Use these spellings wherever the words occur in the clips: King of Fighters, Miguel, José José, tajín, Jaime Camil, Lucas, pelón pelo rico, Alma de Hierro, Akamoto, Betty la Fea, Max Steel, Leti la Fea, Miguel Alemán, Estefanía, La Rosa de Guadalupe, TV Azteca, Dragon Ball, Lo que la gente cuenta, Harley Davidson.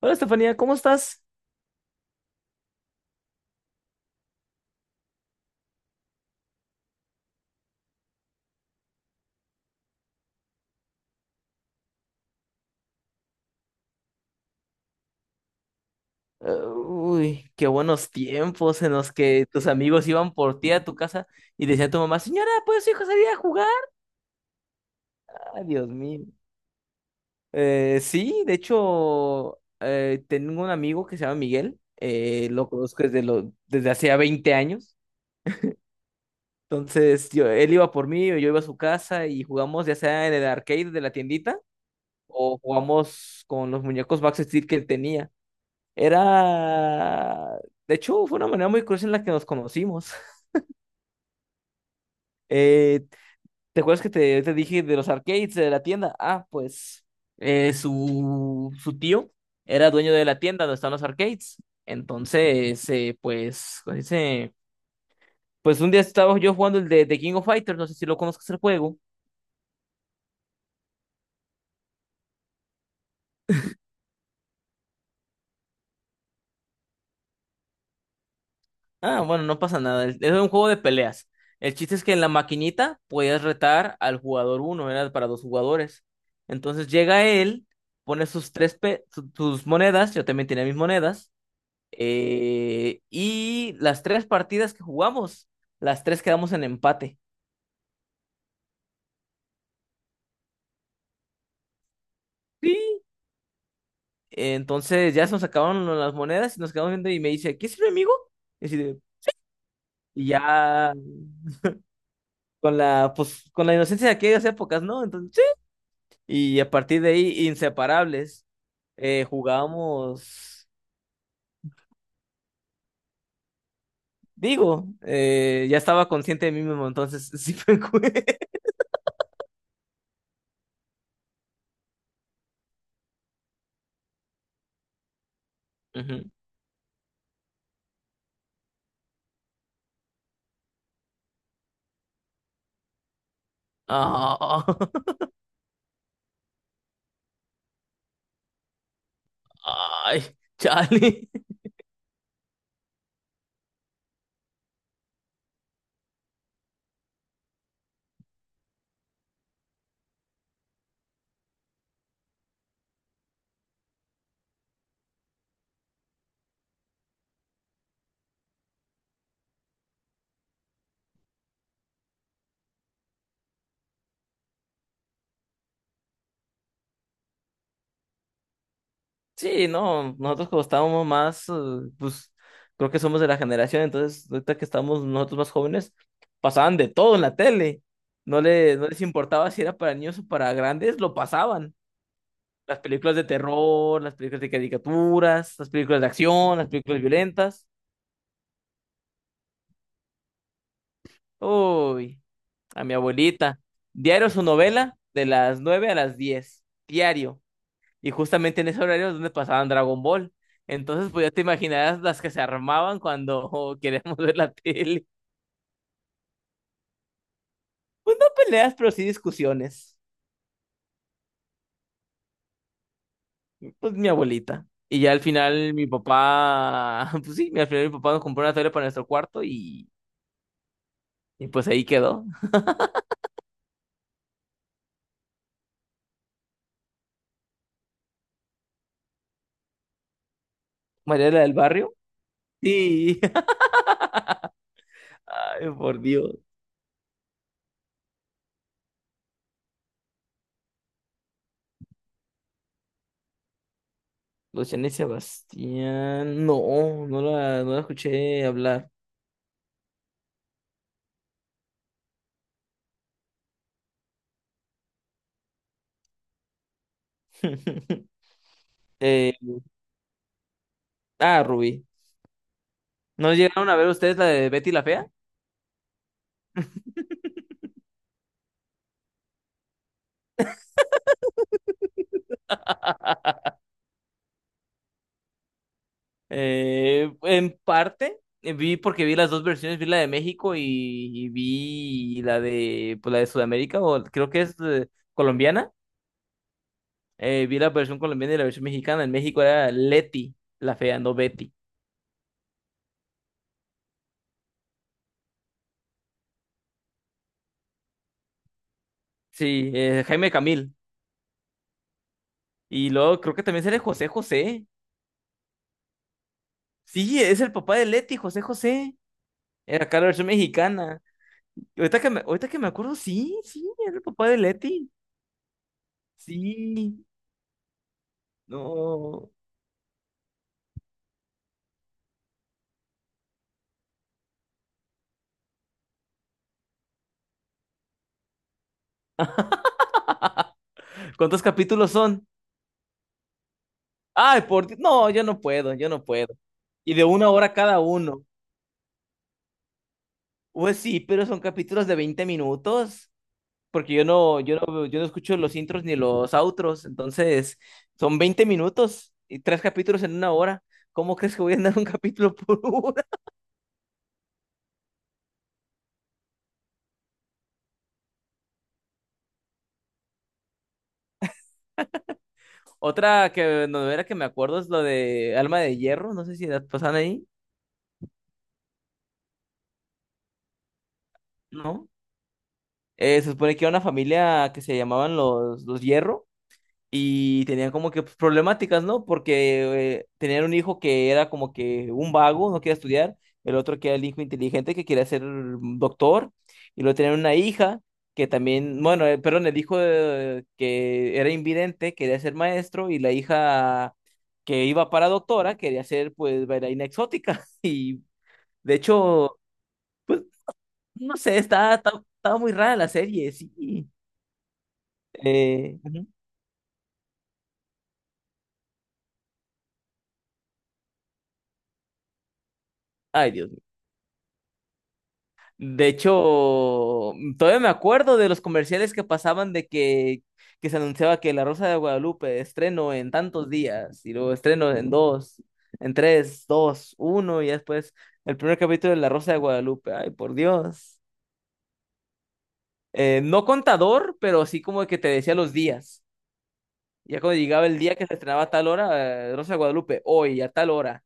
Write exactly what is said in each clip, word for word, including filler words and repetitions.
Hola Estefanía, ¿cómo estás? Eh, uy, qué buenos tiempos en los que tus amigos iban por ti a tu casa y decía a tu mamá, señora, ¿puedes su hijo salir a jugar? Ay, Dios mío. Eh, sí, de hecho, eh, tengo un amigo que se llama Miguel, eh, lo conozco desde, lo, desde hacía veinte años. Entonces, yo, él iba por mí o yo iba a su casa y jugamos ya sea en el arcade de la tiendita o jugamos con los muñecos Max Steel que él tenía. Era, de hecho, fue una manera muy curiosa en la que nos conocimos. Eh, ¿te acuerdas que te, te dije de los arcades de la tienda? Ah, pues eh, su, su tío era dueño de la tienda donde están los arcades. Entonces, eh, pues, ¿cómo se dice? Pues un día estaba yo jugando el de, de King of Fighters, no sé si lo conozcas el juego. Ah, bueno, no pasa nada. el- Era un juego de peleas. El chiste es que en la maquinita podías retar al jugador uno, era para dos jugadores. Entonces llega él, pone sus tres pe- su- sus monedas, yo también tenía mis monedas, eh, y las tres partidas que jugamos, las tres quedamos en empate. Sí. Entonces ya se nos acabaron las monedas y nos quedamos viendo y me dice, ¿qué es mi amigo? Y así de- y ya con la, pues, con la inocencia de aquellas épocas, ¿no? Entonces, Y a partir de ahí, inseparables, eh, jugábamos, digo, eh, ya estaba consciente de mí mismo, entonces sí fue... cu- Ujú. Ah, ay, Charlie. Sí, no, nosotros como estábamos más, eh, pues creo que somos de la generación, entonces ahorita que estamos nosotros más jóvenes, pasaban de todo en la tele. No le, no les importaba si era para niños o para grandes, lo pasaban. Las películas de terror, las películas de caricaturas, las películas de acción, las películas violentas. Uy, a mi abuelita. Diario su novela de las nueve a las diez. Diario. Y justamente en ese horario es donde pasaban Dragon Ball. Entonces, pues ya te imaginarás las que se armaban cuando oh, queríamos ver la tele. Pues no peleas, pero sí discusiones. Pues mi abuelita. Y ya al final mi papá, pues sí, al final mi papá nos compró una tele para nuestro cuarto y, y pues ahí quedó. María era del barrio. Sí, ay, por Dios. Luciana y Sebastián. No, no la, no la escuché hablar. Eh, ah, Rubí. ¿No llegaron a ver ustedes la de Betty la Fea? Eh, en parte, eh, vi porque vi las dos versiones, vi la de México y, y vi la de, pues, la de Sudamérica, o creo que es eh, colombiana. Eh, vi la versión colombiana y la versión mexicana. En México era Leti la Fea, no Betty. Sí, eh, Jaime Camil. Y luego creo que también sale José José. Sí, es el papá de Leti, José José. Era acá la versión mexicana. Y ahorita que me, ahorita que me acuerdo, sí, sí, era el papá de Leti. Sí, no. ¿Cuántos capítulos son? Ay, por Dios. No, yo no puedo, yo no puedo. Y de una hora cada uno. Pues sí, pero son capítulos de veinte minutos. Porque yo no, yo no, yo no escucho los intros ni los outros. Entonces, son veinte minutos y tres capítulos en una hora. ¿Cómo crees que voy a andar un capítulo por uno? Otra que novela que me acuerdo es lo de Alma de Hierro, no sé si la pasan ahí, ¿no? Eh, se supone que era una familia que se llamaban los, los Hierro. Y tenían como que pues, problemáticas, ¿no? Porque eh, tenían un hijo que era como que un vago, no quería estudiar, el otro que era el hijo inteligente que quería ser doctor, y luego tenían una hija que también, bueno, eh, perdón, el hijo eh, que era invidente quería ser maestro y la hija que iba para doctora quería ser pues bailarina exótica. Y de hecho, pues no sé, está, está, está muy rara la serie, sí. Eh, ujú. Ay, Dios. De hecho, todavía me acuerdo de los comerciales que pasaban de que, que se anunciaba que La Rosa de Guadalupe estreno en tantos días y luego estreno en dos, en tres, dos, uno y después el primer capítulo de La Rosa de Guadalupe. Ay, por Dios. Eh, no contador, pero sí como que te decía los días. Ya cuando llegaba el día que se estrenaba a tal hora, eh, Rosa de Guadalupe, hoy a tal hora.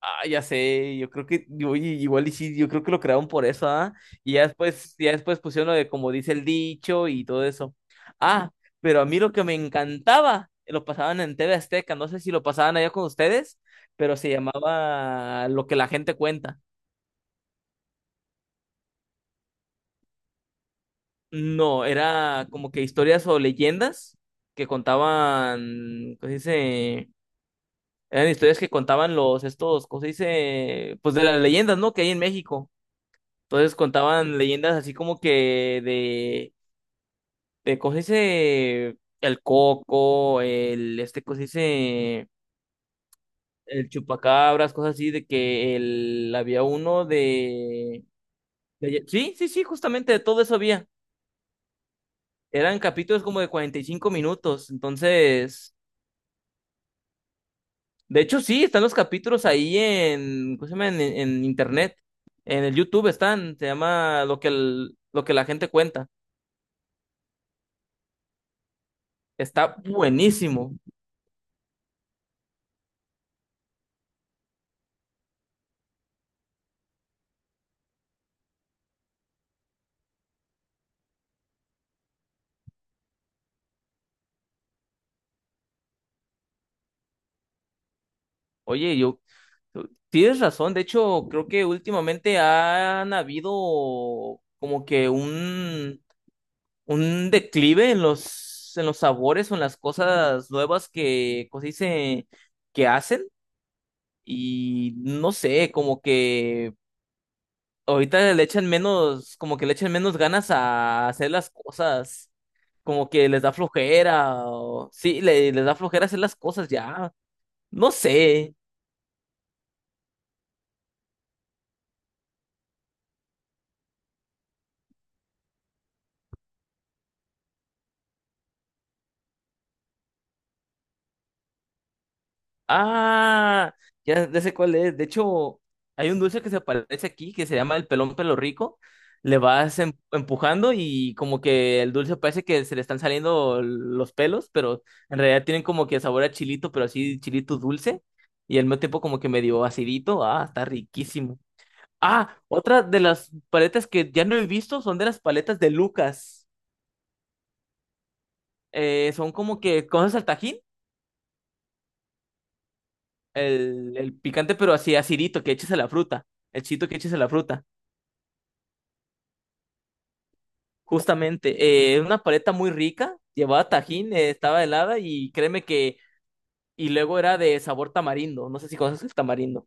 Ah, ya sé, yo creo que, oye, igual y sí, yo creo que lo crearon por eso, ¿ah? Y ya después, ya después pusieron lo de como dice el dicho y todo eso. Ah, pero a mí lo que me encantaba, lo pasaban en T V Azteca, no sé si lo pasaban allá con ustedes, pero se llamaba Lo que la gente cuenta. No, era como que historias o leyendas que contaban, ¿cómo se dice? Eran historias que contaban los, estos, ¿cómo se dice? Pues de las leyendas, ¿no? Que hay en México. Entonces contaban leyendas así como que de, de ¿cómo se dice? El coco, el, este, ¿cómo se dice? El chupacabras, cosas así, de que el, había uno de, de- sí, sí, sí, justamente de todo eso había. Eran capítulos como de cuarenta y cinco minutos, entonces... De hecho, sí, están los capítulos ahí en, ¿cómo se llama? En, en internet, en el YouTube están, se llama lo que, el- lo que la gente cuenta. Está buenísimo. Oye, yo tienes razón. De hecho, creo que últimamente han habido como que un, un declive en los, en los sabores o en las cosas nuevas que, ¿cómo se dice? Que hacen. Y no sé, como que ahorita le echan menos, como que le echan menos ganas a hacer las cosas. Como que les da flojera. o- sí, le- les da flojera hacer las cosas ya. No sé. Ah, ya, ya sé cuál es. De hecho, hay un dulce que se aparece aquí que se llama el pelón pelo rico. Le vas em- empujando y como que el dulce parece que se le están saliendo los pelos, pero en realidad tienen como que sabor a chilito, pero así chilito dulce. Y al mismo tiempo como que medio acidito. Ah, está riquísimo. Ah, otra de las paletas que ya no he visto son de las paletas de Lucas. Eh, son como que cosas al tajín. El, el picante, pero así acidito, que eches a la fruta. El chito que eches a la fruta. Justamente. Eh, una paleta muy rica. Llevaba tajín, eh, estaba helada y créeme que. Y luego era de sabor tamarindo. No sé si conoces el tamarindo.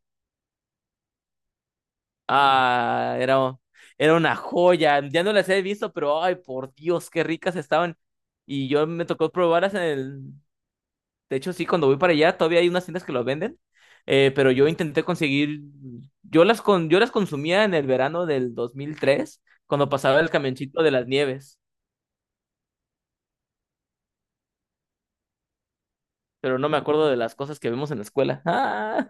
Ah, era, era una joya. Ya no las he visto, pero ay, por Dios, qué ricas estaban. Y yo me tocó probarlas en el. De hecho, sí, cuando voy para allá todavía hay unas tiendas que lo venden, eh, pero yo intenté conseguir, yo las, con, yo las consumía en el verano del dos mil tres, cuando pasaba el camioncito de las nieves, pero no me acuerdo de las cosas que vemos en la escuela. Ah.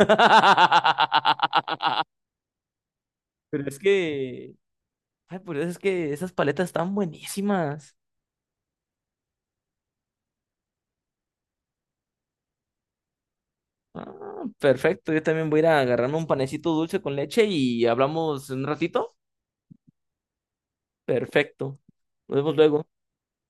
Pero es que, ay, pero es que esas paletas están buenísimas. Ah, perfecto, yo también voy a ir a agarrarme un panecito dulce con leche y hablamos en un ratito. Perfecto, nos vemos luego.